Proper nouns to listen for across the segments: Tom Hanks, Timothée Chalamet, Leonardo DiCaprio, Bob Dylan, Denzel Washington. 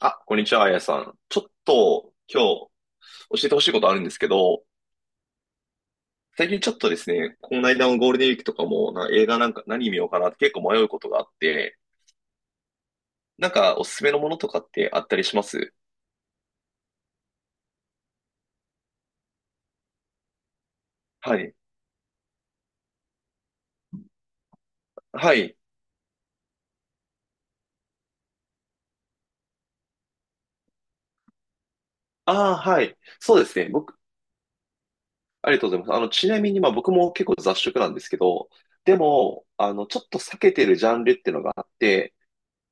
あ、こんにちは、あやさん。ちょっと今日教えてほしいことあるんですけど、最近ちょっとですね、この間のゴールデンウィークとかもな映画何見ようかなって結構迷うことがあって、おすすめのものとかってあったりします？はい。はい。ああ、はい。そうですね。僕、ありがとうございます。ちなみに僕も結構雑食なんですけど、でも、ちょっと避けてるジャンルっていうのがあって、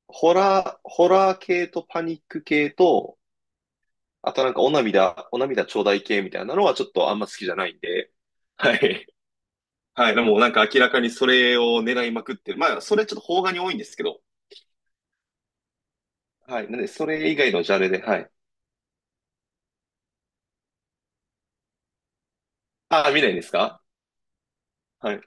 ホラー系とパニック系と、あと、お涙ちょうだい系みたいなのはちょっとあんま好きじゃないんで。はい。はい。でも明らかにそれを狙いまくってる。まあ、それちょっと邦画に多いんですけど。はい。なんで、それ以外のジャンルで、はい。ああ、見ないんですか？はい。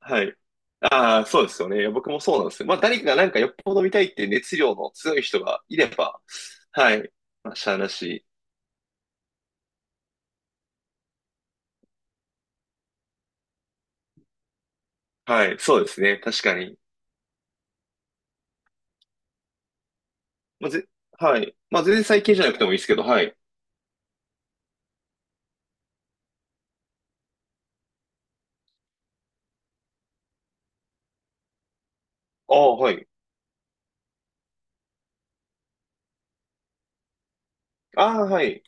はい。ああ、そうですよね。いや僕もそうなんですよ。まあ、誰かがよっぽど見たいっていう熱量の強い人がいれば、はい。まあ、しゃあなし。はい。そうですね。確かに。まあ、ぜ、はい。まあ、全然最近じゃなくてもいいですけど、はい。ああ、はい。ああ、はい。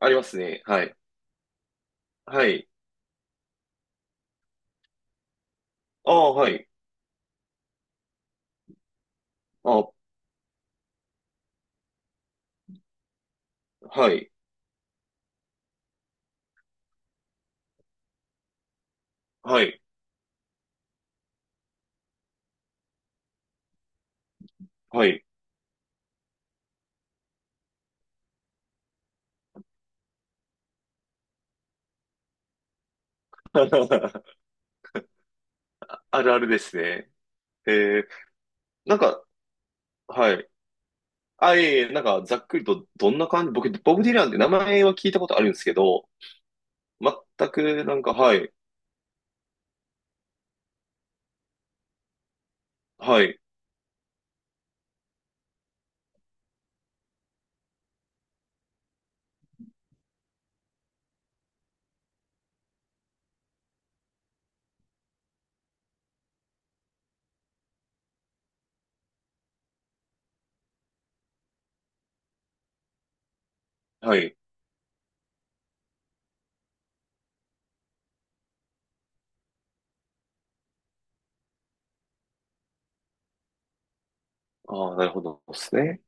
ありますね。はい。はい。ああ、はい。あ、はい。はい。はい。あるあるですね。えー、なんか、はい。あ、いえいえ、ざっくりと、どんな感じ、僕、ボブ・ディランって名前は聞いたことあるんですけど、全く、なんか、はい。はい。はい。ああ、なるほどですね。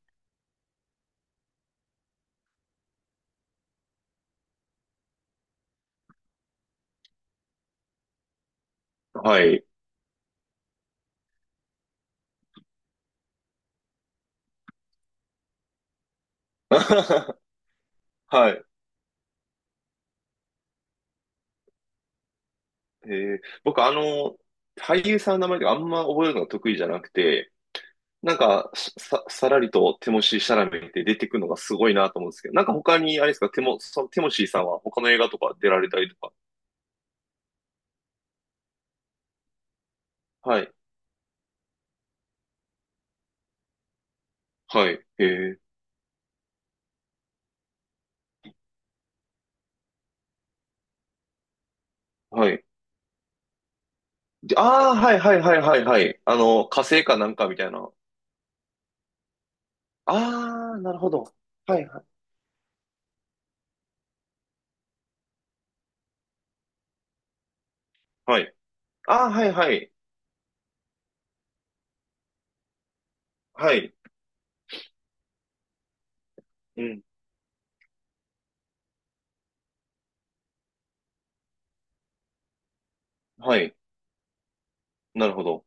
はい。はい。えー、僕、俳優さんの名前とかあんま覚えるのが得意じゃなくて、さらりとテモシー・シャラメって出てくるのがすごいなと思うんですけど、なんか他に、あれですか、テモシーさんは他の映画とか出られたりとか。はい。はい。へえ。はい。ああ、はいはいはいはいはい。あの、火星かなんかみたいな。ああ、なるほど。はいはい。はい。ああ、はいはい。はい。うん。はい。なるほど。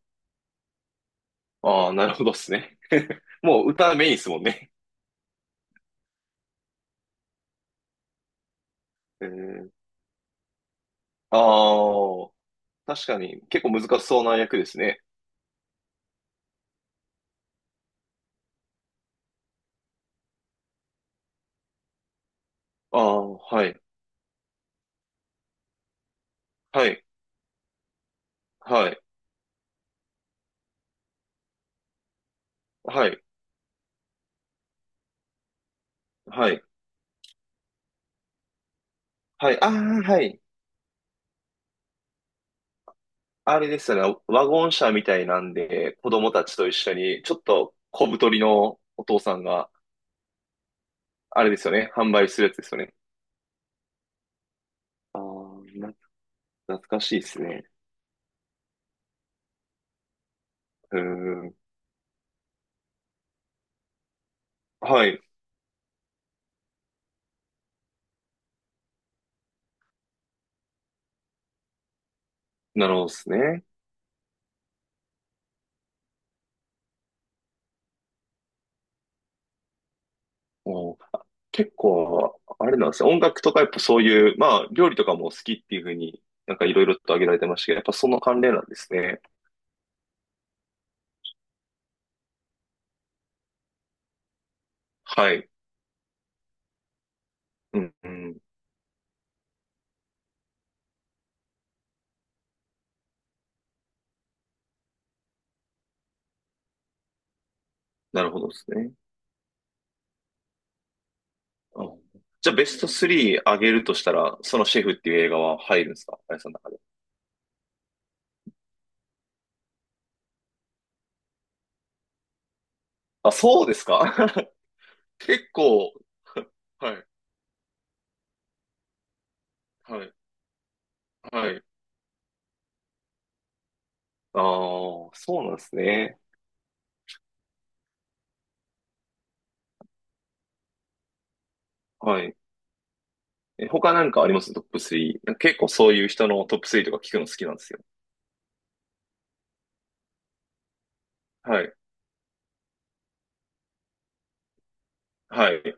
ああ、なるほどっすね。もう歌メインですもんね。えー、ああ、確かに結構難しそうな役ですね。ああ、はい。はい。はい。はい。はい。はい。ああ、はい。あれですよね。ワゴン車みたいなんで、子供たちと一緒に、ちょっと小太りのお父さんが、あれですよね。販売するやつですよね。ああ、な、懐かしいですね。うーん。はい。なるほどですね。お、結構、あれなんですね。音楽とかやっぱそういう、まあ、料理とかも好きっていうふうにいろいろと挙げられてましたけど、やっぱその関連なんですね。はい。うん、うん。なるほどですね。うん、じゃあベスト3上げるとしたら、そのシェフっていう映画は入るんですか、あやさんの中で。あ、そうですか？ 結構、はい、はい、はい。ああ、そうなんですね。はい。え、他なんかありますトップ3？結構そういう人のトップ3とか聞くの好きなんですよ。はい、はい、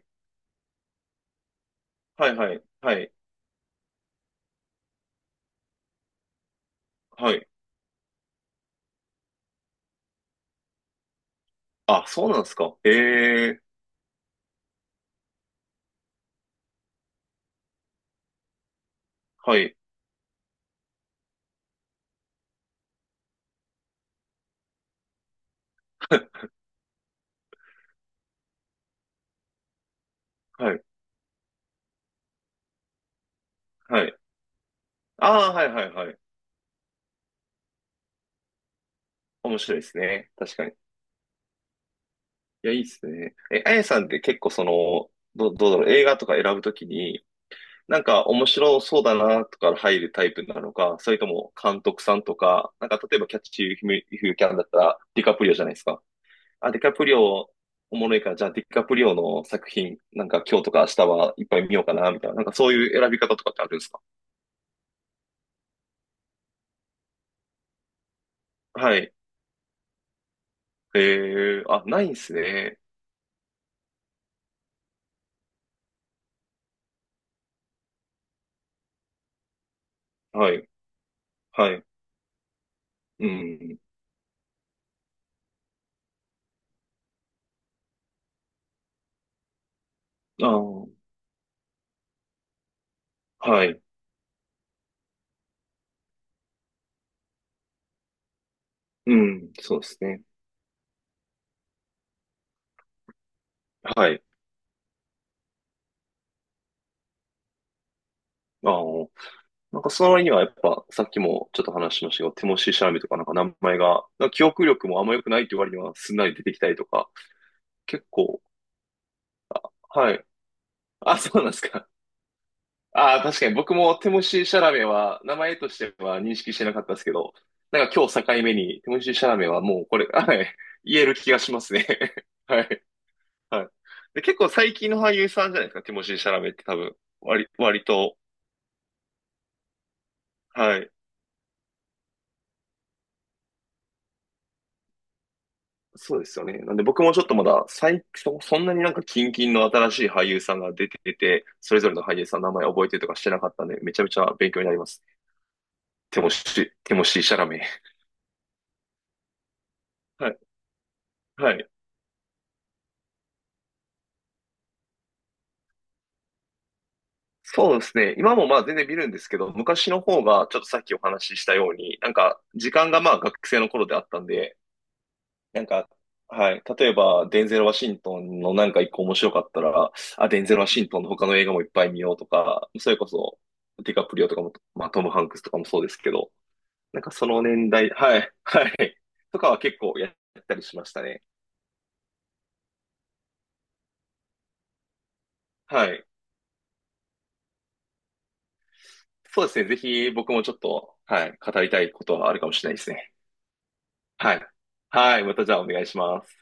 はい、はい、はい、はい。あ、そうなんですか？ええ、はい、はい、はい。ああ、はい、はい、はい。面白いですね。確かに。いや、いいっすね。え、あやさんって結構その、どうだろう、映画とか選ぶときに、なんか面白そうだなとか入るタイプなのか、それとも監督さんとか、なんか例えばキャッチフィフキャンだったらディカプリオじゃないですか。あ、ディカプリオおもろいから、じゃあディカプリオの作品、なんか今日とか明日はいっぱい見ようかな、みたいな。なんかそういう選び方とかってあるんですか？はい。えー、あ、ないんですね。はい。はい。うん。あー、はい。うん。そうですね。はい。ああ。なんかその割にはやっぱさっきもちょっと話しましたけど、ティモシー・シャラメとか名前が、なんか記憶力もあんま良くないっていう割にはすんなり出てきたりとか、結構、はい。あ、そうなんですか。ああ、確かに僕もティモシー・シャラメは名前としては認識してなかったですけど、なんか今日境目にティモシー・シャラメはもうこれ、はい、言える気がしますね。はい、はい。で、結構最近の俳優さんじゃないですか、ティモシー・シャラメって多分、割と、はい。そうですよね。なんで僕もちょっとまだ、そんなになんか近々の新しい俳優さんが出てて、それぞれの俳優さんの名前覚えてとかしてなかったんで、めちゃめちゃ勉強になります。ティモシー・シャラメ。はい。はい。そうですね。今もまあ全然見るんですけど、昔の方がちょっとさっきお話ししたように、なんか時間がまあ学生の頃であったんで、なんか、はい。例えば、デンゼル・ワシントンのなんか一個面白かったら、あ、デンゼル・ワシントンの他の映画もいっぱい見ようとか、それこそ、ディカプリオとかも、まあ、トム・ハンクスとかもそうですけど、なんかその年代、はい、はい。とかは結構やったりしましたね。はい。そうですね。ぜひ僕もちょっと、はい、語りたいことはあるかもしれないですね。はい。はい。またじゃあお願いします。